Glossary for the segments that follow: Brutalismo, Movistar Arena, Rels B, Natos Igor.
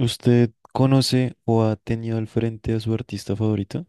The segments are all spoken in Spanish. ¿Usted conoce o ha tenido al frente a su artista favorito?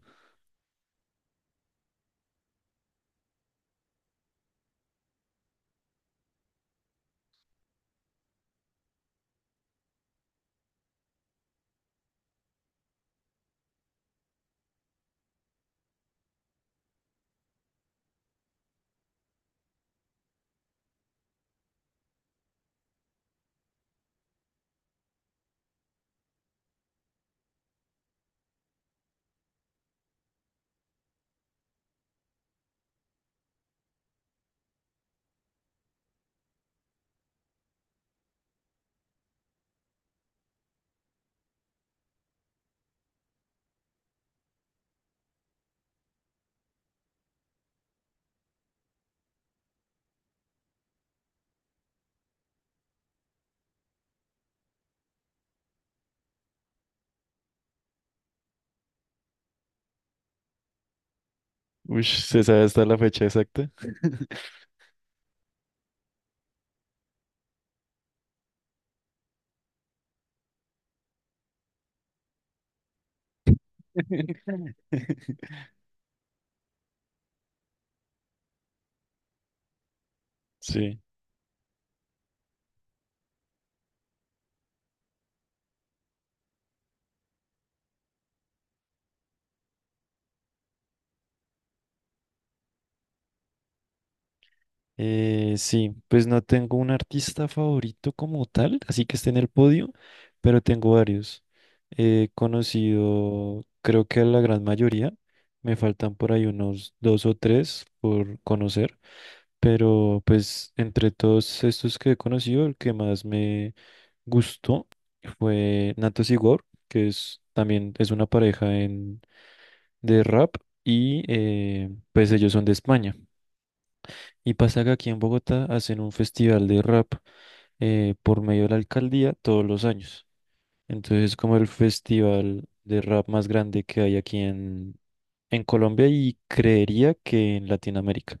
Uy, ¿se sabe hasta la fecha exacta? Sí. Sí, pues no tengo un artista favorito como tal, así que esté en el podio, pero tengo varios. He conocido, creo que a la gran mayoría, me faltan por ahí unos dos o tres por conocer. Pero pues entre todos estos que he conocido, el que más me gustó fue Natos Igor, que es también es una pareja de rap y pues ellos son de España. Y pasa que aquí en Bogotá hacen un festival de rap por medio de la alcaldía todos los años. Entonces es como el festival de rap más grande que hay aquí en Colombia y creería que en Latinoamérica.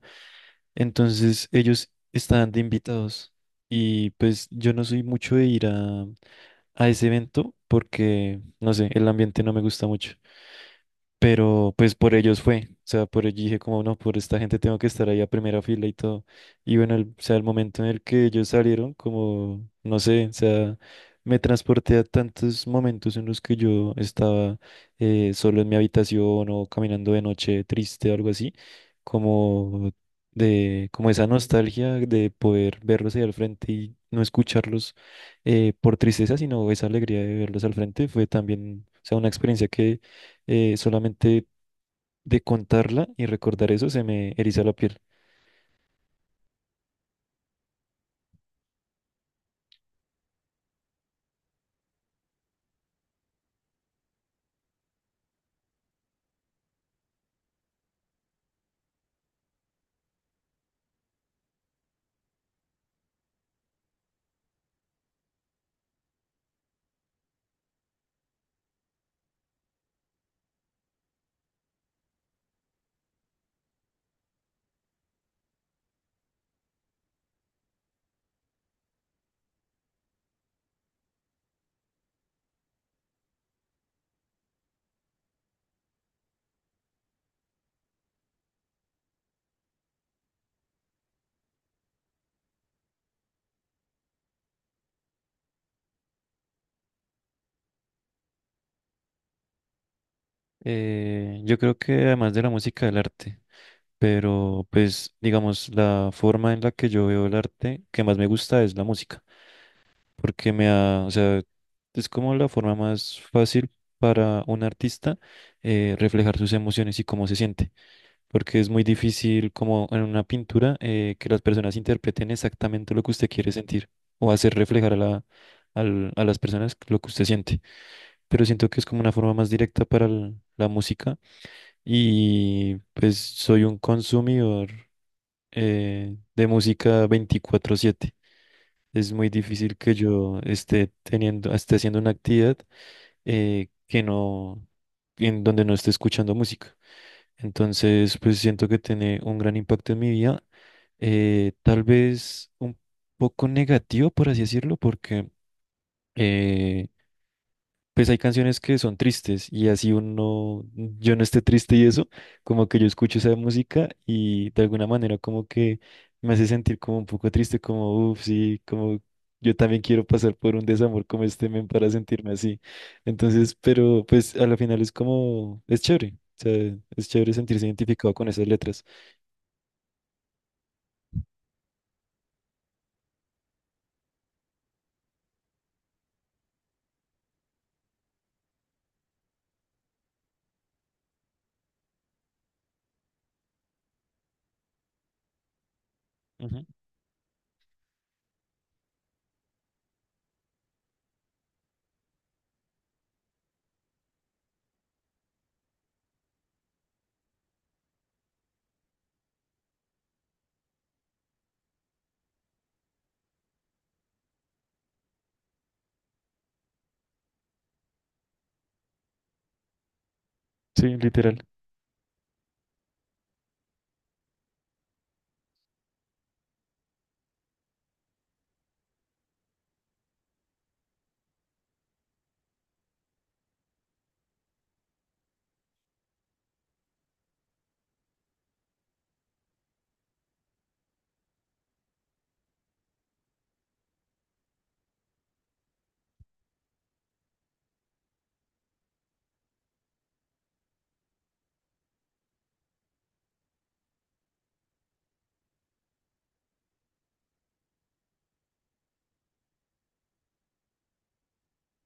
Entonces ellos estaban de invitados y pues yo no soy mucho de ir a ese evento porque, no sé, el ambiente no me gusta mucho. Pero pues por ellos fue, o sea, por ellos dije como no, por esta gente tengo que estar ahí a primera fila y todo. Y bueno, o sea, el momento en el que ellos salieron, como, no sé, o sea, me transporté a tantos momentos en los que yo estaba solo en mi habitación o caminando de noche triste o algo así, como como esa nostalgia de poder verlos ahí al frente y no escucharlos por tristeza, sino esa alegría de verlos al frente fue también, o sea, una experiencia que solamente de contarla y recordar eso se me eriza la piel. Yo creo que además de la música, el arte, pero pues digamos, la forma en la que yo veo el arte que más me gusta es la música, porque me ha, o sea, es como la forma más fácil para un artista reflejar sus emociones y cómo se siente, porque es muy difícil como en una pintura que las personas interpreten exactamente lo que usted quiere sentir o hacer reflejar a a las personas lo que usted siente. Pero siento que es como una forma más directa para la música y pues soy un consumidor de música 24/7. Es muy difícil que yo esté teniendo, esté haciendo una actividad que no, en donde no esté escuchando música. Entonces, pues siento que tiene un gran impacto en mi vida, tal vez un poco negativo, por así decirlo, porque eh, pues hay canciones que son tristes y así uno, yo no esté triste y eso, como que yo escucho esa música y de alguna manera como que me hace sentir como un poco triste, como, uff, sí, como yo también quiero pasar por un desamor como este men para sentirme así. Entonces, pero pues a la final es como, es chévere, o sea, es chévere sentirse identificado con esas letras. Ujú. Sí, literal.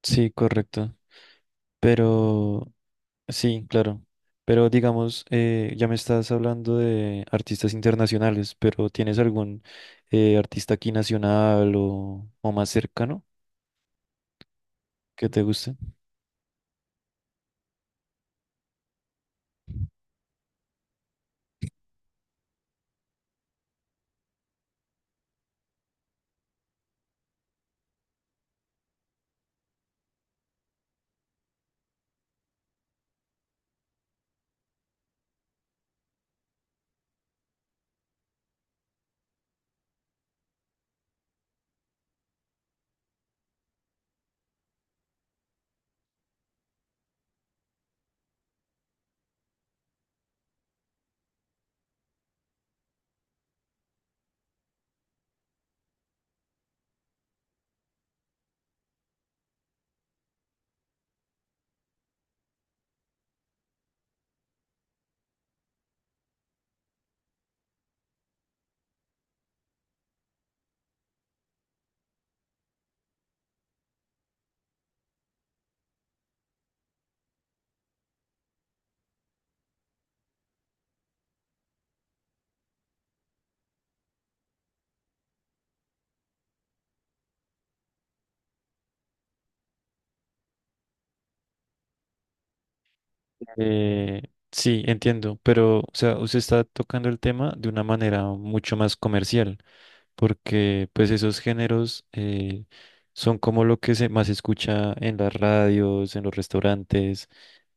Sí, correcto. Pero sí, claro. Pero digamos, ya me estás hablando de artistas internacionales, pero ¿tienes algún artista aquí nacional o más cercano que te guste? Eh, sí, entiendo, pero o sea, usted está tocando el tema de una manera mucho más comercial, porque pues esos géneros son como lo que se más escucha en las radios, en los restaurantes,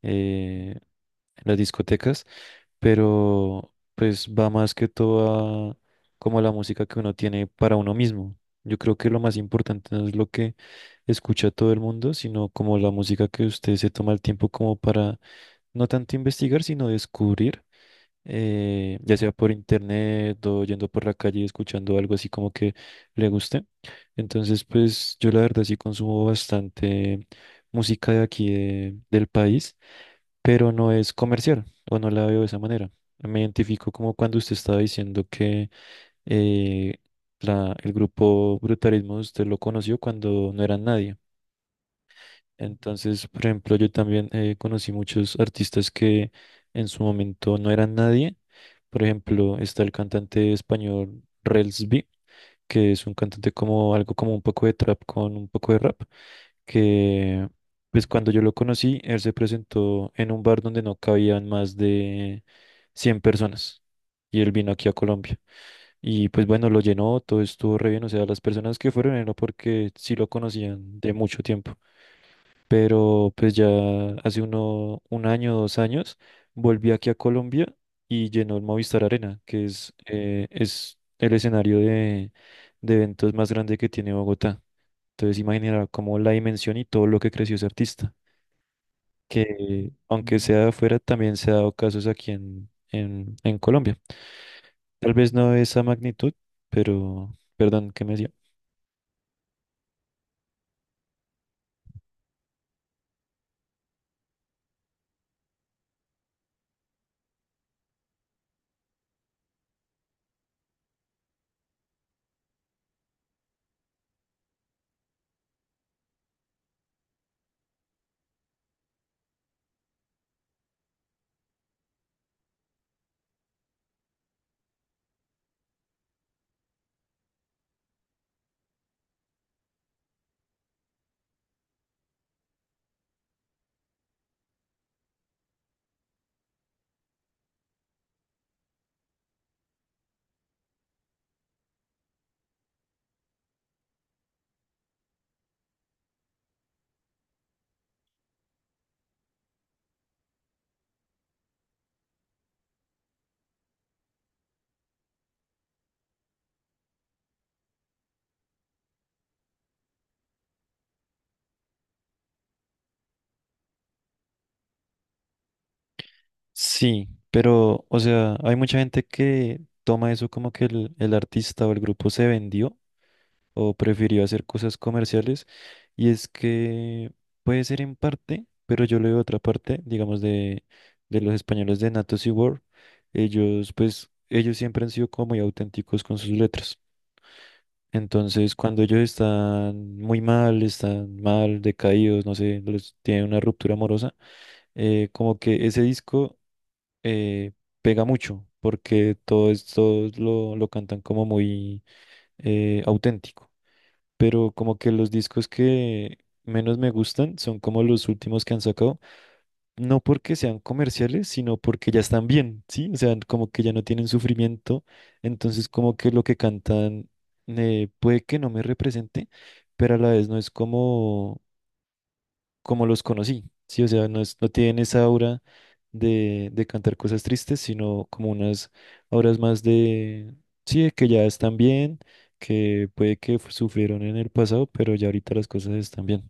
eh, en las discotecas, pero pues va más que todo a como la música que uno tiene para uno mismo. Yo creo que lo más importante no es lo que escucha todo el mundo, sino como la música que usted se toma el tiempo como para no tanto investigar, sino descubrir ya sea por internet o yendo por la calle y escuchando algo así como que le guste. Entonces, pues yo la verdad sí consumo bastante música de aquí del país, pero no es comercial o no la veo de esa manera. Me identifico como cuando usted estaba diciendo que eh, el grupo Brutalismo usted lo conoció cuando no era nadie. Entonces, por ejemplo, yo también conocí muchos artistas que en su momento no eran nadie. Por ejemplo, está el cantante español Rels B, que es un cantante como algo como un poco de trap con un poco de rap, que pues cuando yo lo conocí, él se presentó en un bar donde no cabían más de 100 personas y él vino aquí a Colombia. Y pues bueno, lo llenó, todo estuvo re bien, o sea, las personas que fueron era porque sí lo conocían de mucho tiempo, pero pues ya hace un año, dos años, volví aquí a Colombia y llenó el Movistar Arena, que es el escenario de eventos más grande que tiene Bogotá. Entonces imaginará como la dimensión y todo lo que creció ese artista, que aunque sea de afuera, también se ha dado casos aquí en Colombia. Tal vez no de esa magnitud, pero perdón, ¿qué me decía? Sí, pero, o sea, hay mucha gente que toma eso como que el artista o el grupo se vendió o prefirió hacer cosas comerciales, y es que puede ser en parte, pero yo leo otra parte, digamos, de los españoles de Natos y Word. Ellos, pues, ellos siempre han sido como muy auténticos con sus letras. Entonces, cuando ellos están muy mal, están mal, decaídos, no sé, tienen una ruptura amorosa, como que ese disco eh, pega mucho, porque todo esto lo cantan como muy auténtico. Pero como que los discos que menos me gustan son como los últimos que han sacado, no porque sean comerciales, sino porque ya están bien, ¿sí? O sea, como que ya no tienen sufrimiento, entonces como que lo que cantan puede que no me represente, pero a la vez no es como como los conocí, ¿sí? O sea, no, no tienen esa aura de cantar cosas tristes, sino como unas auras más de, sí, de que ya están bien, que puede que sufrieron en el pasado, pero ya ahorita las cosas están bien.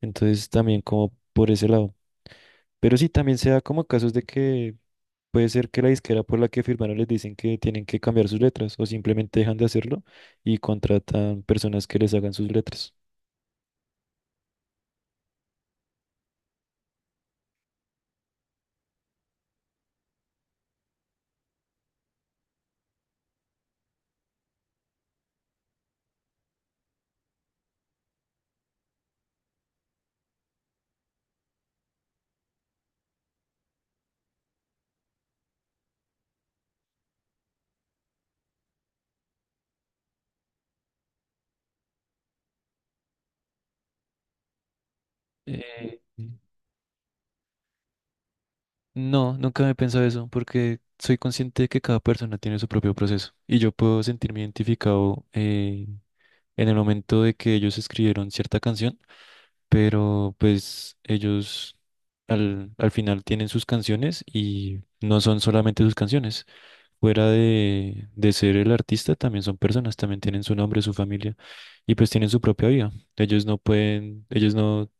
Entonces también como por ese lado. Pero sí, también se da como casos de que puede ser que la disquera por la que firmaron les dicen que tienen que cambiar sus letras o simplemente dejan de hacerlo y contratan personas que les hagan sus letras. Eh, No, nunca me he pensado eso, porque soy consciente de que cada persona tiene su propio proceso y yo puedo sentirme identificado en el momento de que ellos escribieron cierta canción, pero pues ellos al final tienen sus canciones y no son solamente sus canciones. Fuera de ser el artista, también son personas, también tienen su nombre, su familia y pues tienen su propia vida. Ellos no pueden, ellos no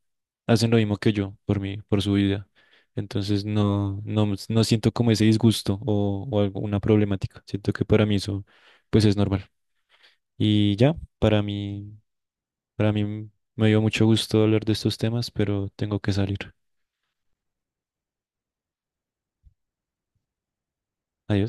hacen lo mismo que yo por mí, por su vida. Entonces no, no siento como ese disgusto o alguna problemática. Siento que para mí eso pues es normal. Y ya, para mí me dio mucho gusto hablar de estos temas, pero tengo que salir. Adiós.